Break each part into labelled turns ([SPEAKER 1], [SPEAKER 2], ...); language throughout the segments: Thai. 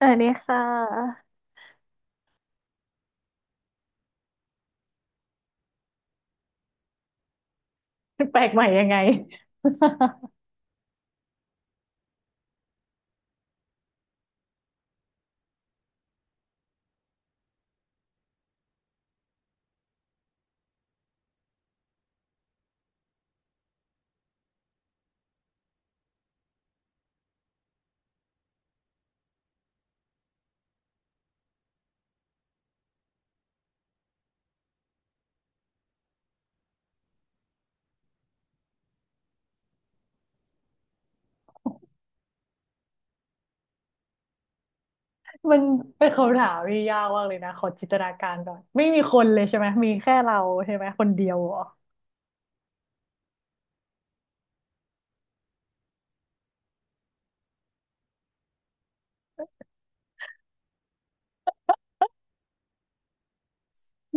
[SPEAKER 1] อันนี้ค่ะแปลกใหม่ยังไง มันเป็นคำถามที่ยากมากเลยนะขอจินตนาการก่อนไม่มีคนเลยใช่ไหมมีแค่เราใช่ไหมคนเดียวเหรอ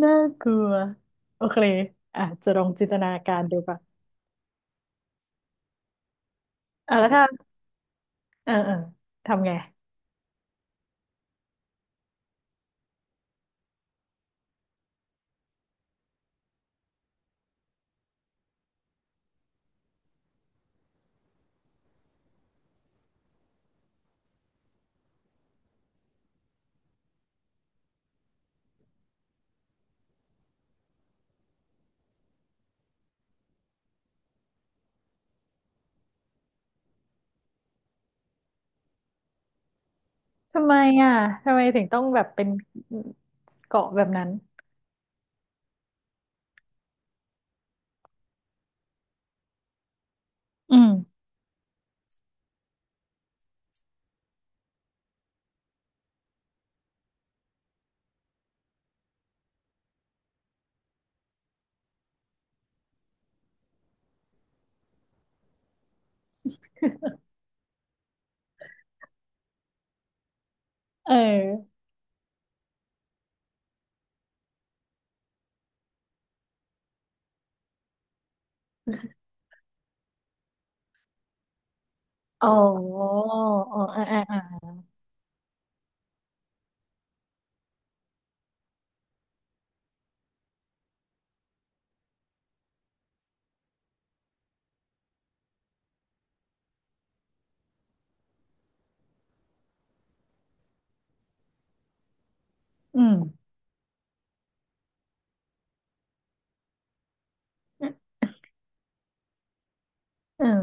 [SPEAKER 1] น่ากลัวโอเคอ่ะจะลองจินตนาการดูป่ะอ่ะแล้วถ้าเออเออทำไงทำไมอ่ะทำไมถึงต้องแบบเป็นเกาะแบบนั้นอืมเอออ๋ออ๋ออ่าอ่าอ่าอืมอืม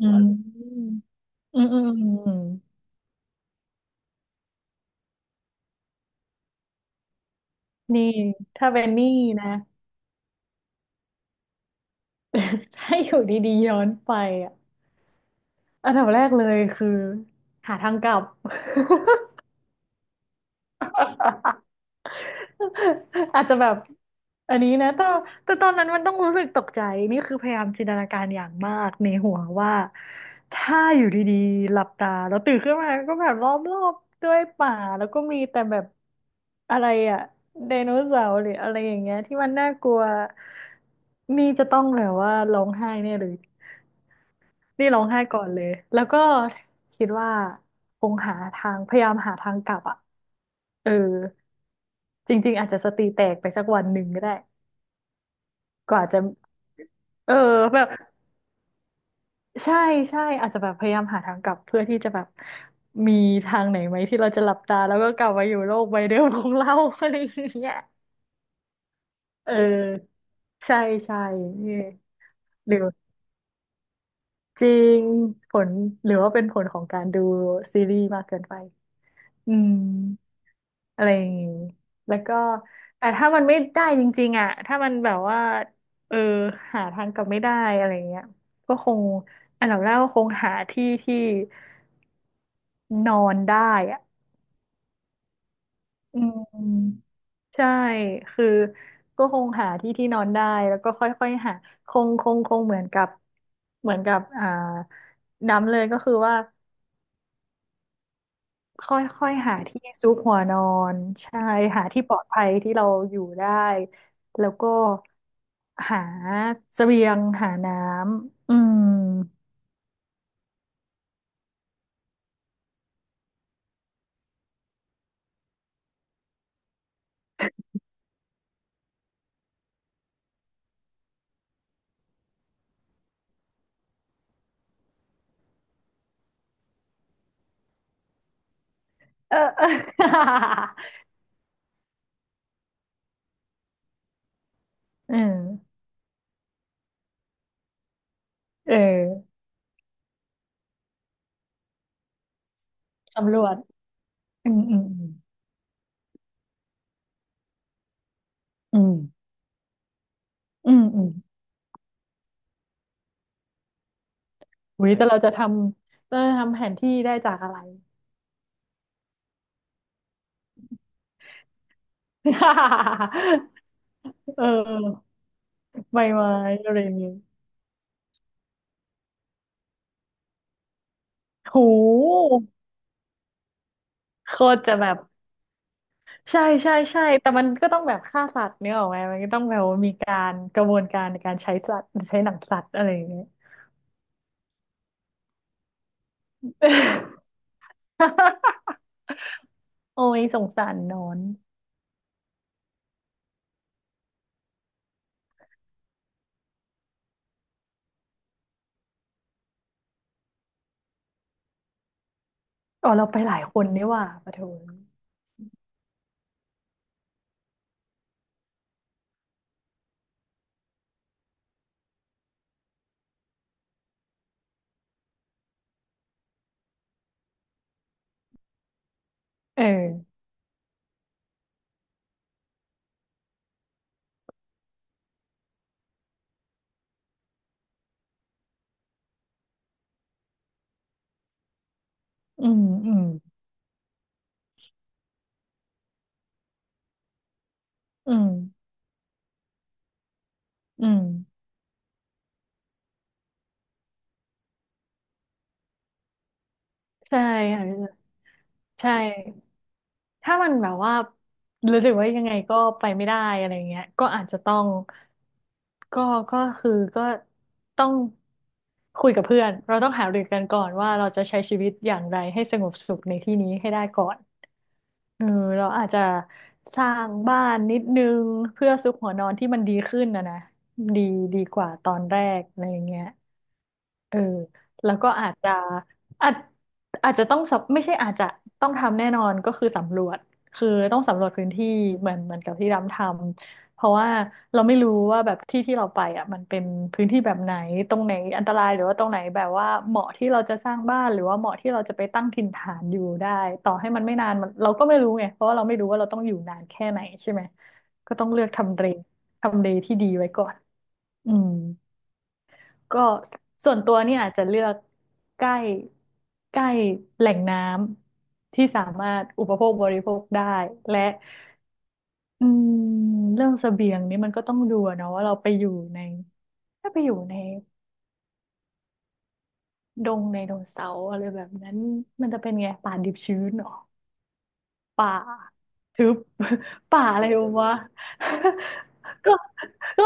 [SPEAKER 1] อืมอืมอืมอืม นี่ถ้าเป็นนี่นะ ถ้าอยู่ดีๆย้อนไปอ่ะอันดับแรกเลยคือหาทางกลับ อาจจะแบบอันนี้นะแต่แต่ตอนนั้นมันต้องรู้สึกตกใจนี่คือพยายามจินตนาการอย่างมากในหัวว่าถ้าอยู่ดีๆหลับตาแล้วตื่นขึ้นมาก็แบบรอบๆด้วยป่าแล้วก็มีแต่แบบอะไรอะไดโนเสาร์หรืออะไรอย่างเงี้ยที่มันน่ากลัวนี่จะต้องแบบว่าร้องไห้แน่เลย นี่ร้องไห้ก่อนเลย แล้วก็คิดว่าคงหาทางพยายามหาทางกลับอ่ะเออจริงๆอาจจะสติแตกไปสักวันหนึ่งก็ได้กว่าจะเออแบบใช่ใช่อาจจะแบบพยายามหาทางกลับเพื่อที่จะแบบมีทางไหนไหมที่เราจะหลับตาแล้วก็กลับมาอยู่โลกใบเดิมของเรา อะไรอย่างเงี้ยเออใช่ใช่นี่หรือจริงผลหรือว่าเป็นผลของการดูซีรีส์มากเกินไปอืม อะไรอย่างงี้แล้วก็แต่ถ้ามันไม่ได้จริงๆอ่ะถ้ามันแบบว่าเออหาทางกลับไม่ได้อะไรอย่างเงี้ยก็คงอันดับแรกก็คงหาที่ที่นอนได้อ่ะอืมใช่ คือก็คงหาที่ที่นอนได้แล้วก็ค่อยๆหาคงเหมือนกับเหมือนกับอ่าน้ำเลยก็คือว่า ค่อยๆหาที่ซุกหัวนอนใช่หาที่ปลอดภัยที่เราอยู่ได้แล้วก็หาเสบียงหาน้ำอืมเออ เออเออสำรวจอืมอืมอืมอืมอืมอุ้ยแต่เราจะทำเราจะทำแผนที่ได้จากอะไร เออใบไม้อะไรอย่างเงี้ยโหโคตรจะแบบ ใช่ใช่ใช่แต่มันก็ต้องแบบฆ่าสัตว์เนี่ยออกไหมมันก็ต้องแบบว่ามีการกระบวนการในการใช้สัตว์ใช้หนังสัตว์อะไรอย่างเงี้ย โอ้ยสงสารนอนอ๋อเราไปหลายคนนี่หว่าปะโถเอออืมอืมอืมอืมใช่ค่ะใช่ ถ้ามันแบบว่ารู้สึกว่ายังไงก็ไปไม่ได้อะไรเงี้ยก็อาจจะต้องก็ก็คือก็ต้องคุยกับเพื่อนเราต้องหารือกันก่อนว่าเราจะใช้ชีวิตอย่างไรให้สงบสุขในที่นี้ให้ได้ก่อนเออเราอาจจะสร้างบ้านนิดนึงเพื่อซุกหัวนอนที่มันดีขึ้นนะนะดีดีกว่าตอนแรกอะไรอย่างเงี้ย เออแล้วก็อาจอาจจะต้องสำไม่ใช่อาจจะต้องทำแน่นอนก็คือสำรวจคือต้องสำรวจพื้นที่เหมือนกับที่ดำทำเพราะว่าเราไม่รู้ว่าแบบที่ที่เราไปอ่ะมันเป็นพื้นที่แบบไหนตรงไหนอันตรายหรือว่าตรงไหนแบบว่าเหมาะที่เราจะสร้างบ้านหรือว่าเหมาะที่เราจะไปตั้งถิ่นฐานอยู่ได้ต่อให้มันไม่นานมันเราก็ไม่รู้ไงเพราะว่าเราไม่รู้ว่าเราต้องอยู่นานแค่ไหนใช่ไหมก็ต้องเลือกทำเลทำเลที่ดีไว้ก่อนอืม ก็ส่วนตัวเนี่ยอาจจะเลือกใกล้ใกล้แหล่งน้ำที่สามารถอุปโภคบริโภคได้และอืมเรื่องเสบียงนี่มันก็ต้องดูอะเนาะว่าเราไปอยู่ในถ้าไปอยู่ในดงในดงเสาอะไรแบบนั้นมันจะเป็นไงป่าดิบชื้นเหรอป่าทึบ ป่าอะไรวะ ก็ก็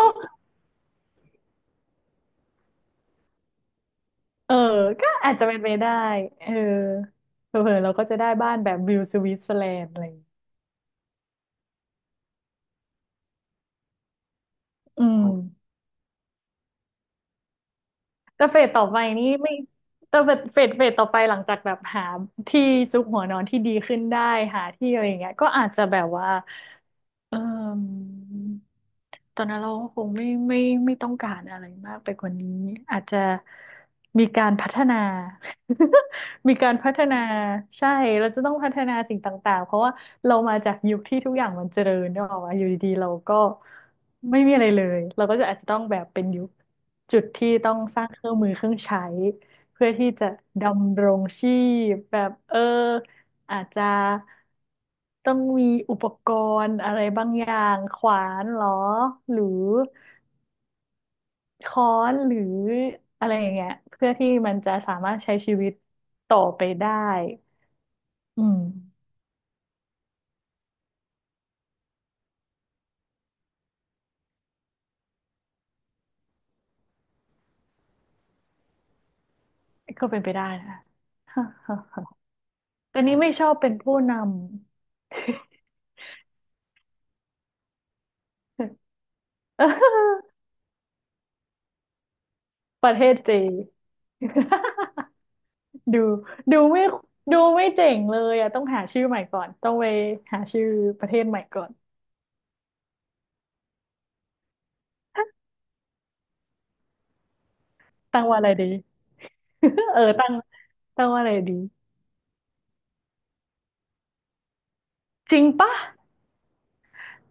[SPEAKER 1] เออก็อาจจะเป็นไปได้เออเผลอๆเราก็จะได้บ้านแบบวิวสวิตเซอร์แลนด์อะไรอย่างเงี้ย อืมแต่เฟสต่อไปนี่ไม่แต่เฟสต่อไปหลังจากแบบหาที่ซุกหัวนอนที่ดีขึ้นได้หาที่อะไรอย่างเงี้ยก็อาจจะแบบว่า เอ่มตอนนั้นเราก็คงไม่ต้องการอะไรมากไปกว่านี้อาจจะมีการพัฒนา มีการพัฒนาใช่เราจะต้องพัฒนาสิ่งต่างๆเพราะว่าเรามาจากยุคที่ทุกอย่างมันเจริญเนกอะว่าอยู่ดีๆเราก็ไม่มีอะไรเลยเราก็จะอาจจะต้องแบบเป็นยุคจุดที่ต้องสร้างเครื่องมือเครื่องใช้ เพื่อที่จะดำรงชีพแบบเอออาจจะต้องมีอุปกรณ์อะไรบางอย่างขวานเหรอหรือค้อนหรืออะไรอย่างเงี้ยเพื่อที่มันจะสามารถใช้ชีวิตต่อไปได้ อืมก็เป็นไปได้นะฮ่าฮ่าฮ่าแต่ นี้ไม่ชอบเป็นผู้นำ ประเทศเจน ดูดูไม่ดูไม่เจ๋งเลยอ่ะต้องหาชื่อใหม่ก่อนต้องไปหาชื่อประเทศใหม่ก่อนตั้งว่าอะไรดี เออตั้งตั้งว่าอะไรดีจริงปะ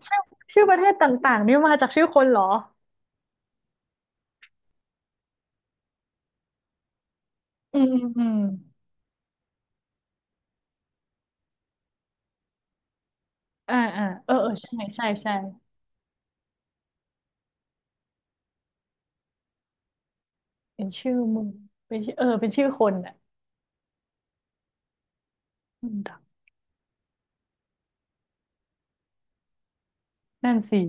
[SPEAKER 1] ชื่อชื่อประเทศต่างๆนี่มาจากชื่อคนเหรออืมอืมอืมอ่าอ่าเออเออใช่ใช่ใช่เป็นชื่อเมึงเป็นชื่อเออเป็นชื่อคนอ่ะอืมนั่นสิ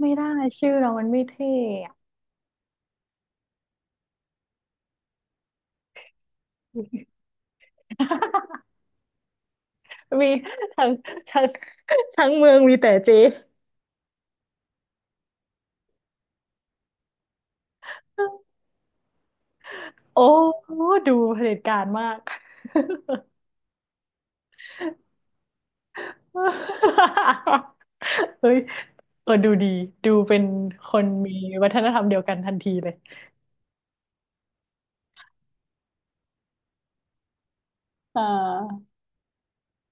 [SPEAKER 1] ไม่ได้ชื่อเรามันไม่เท่อะ มีทั้งทั้งทั้งเมืองมีแต่เจโอ้ดูเผด็จการมาก เฮ้ยเออดูดี ดูเป็นคนมีวัฒนธรรมเดียวกันทันทีเลยอ่า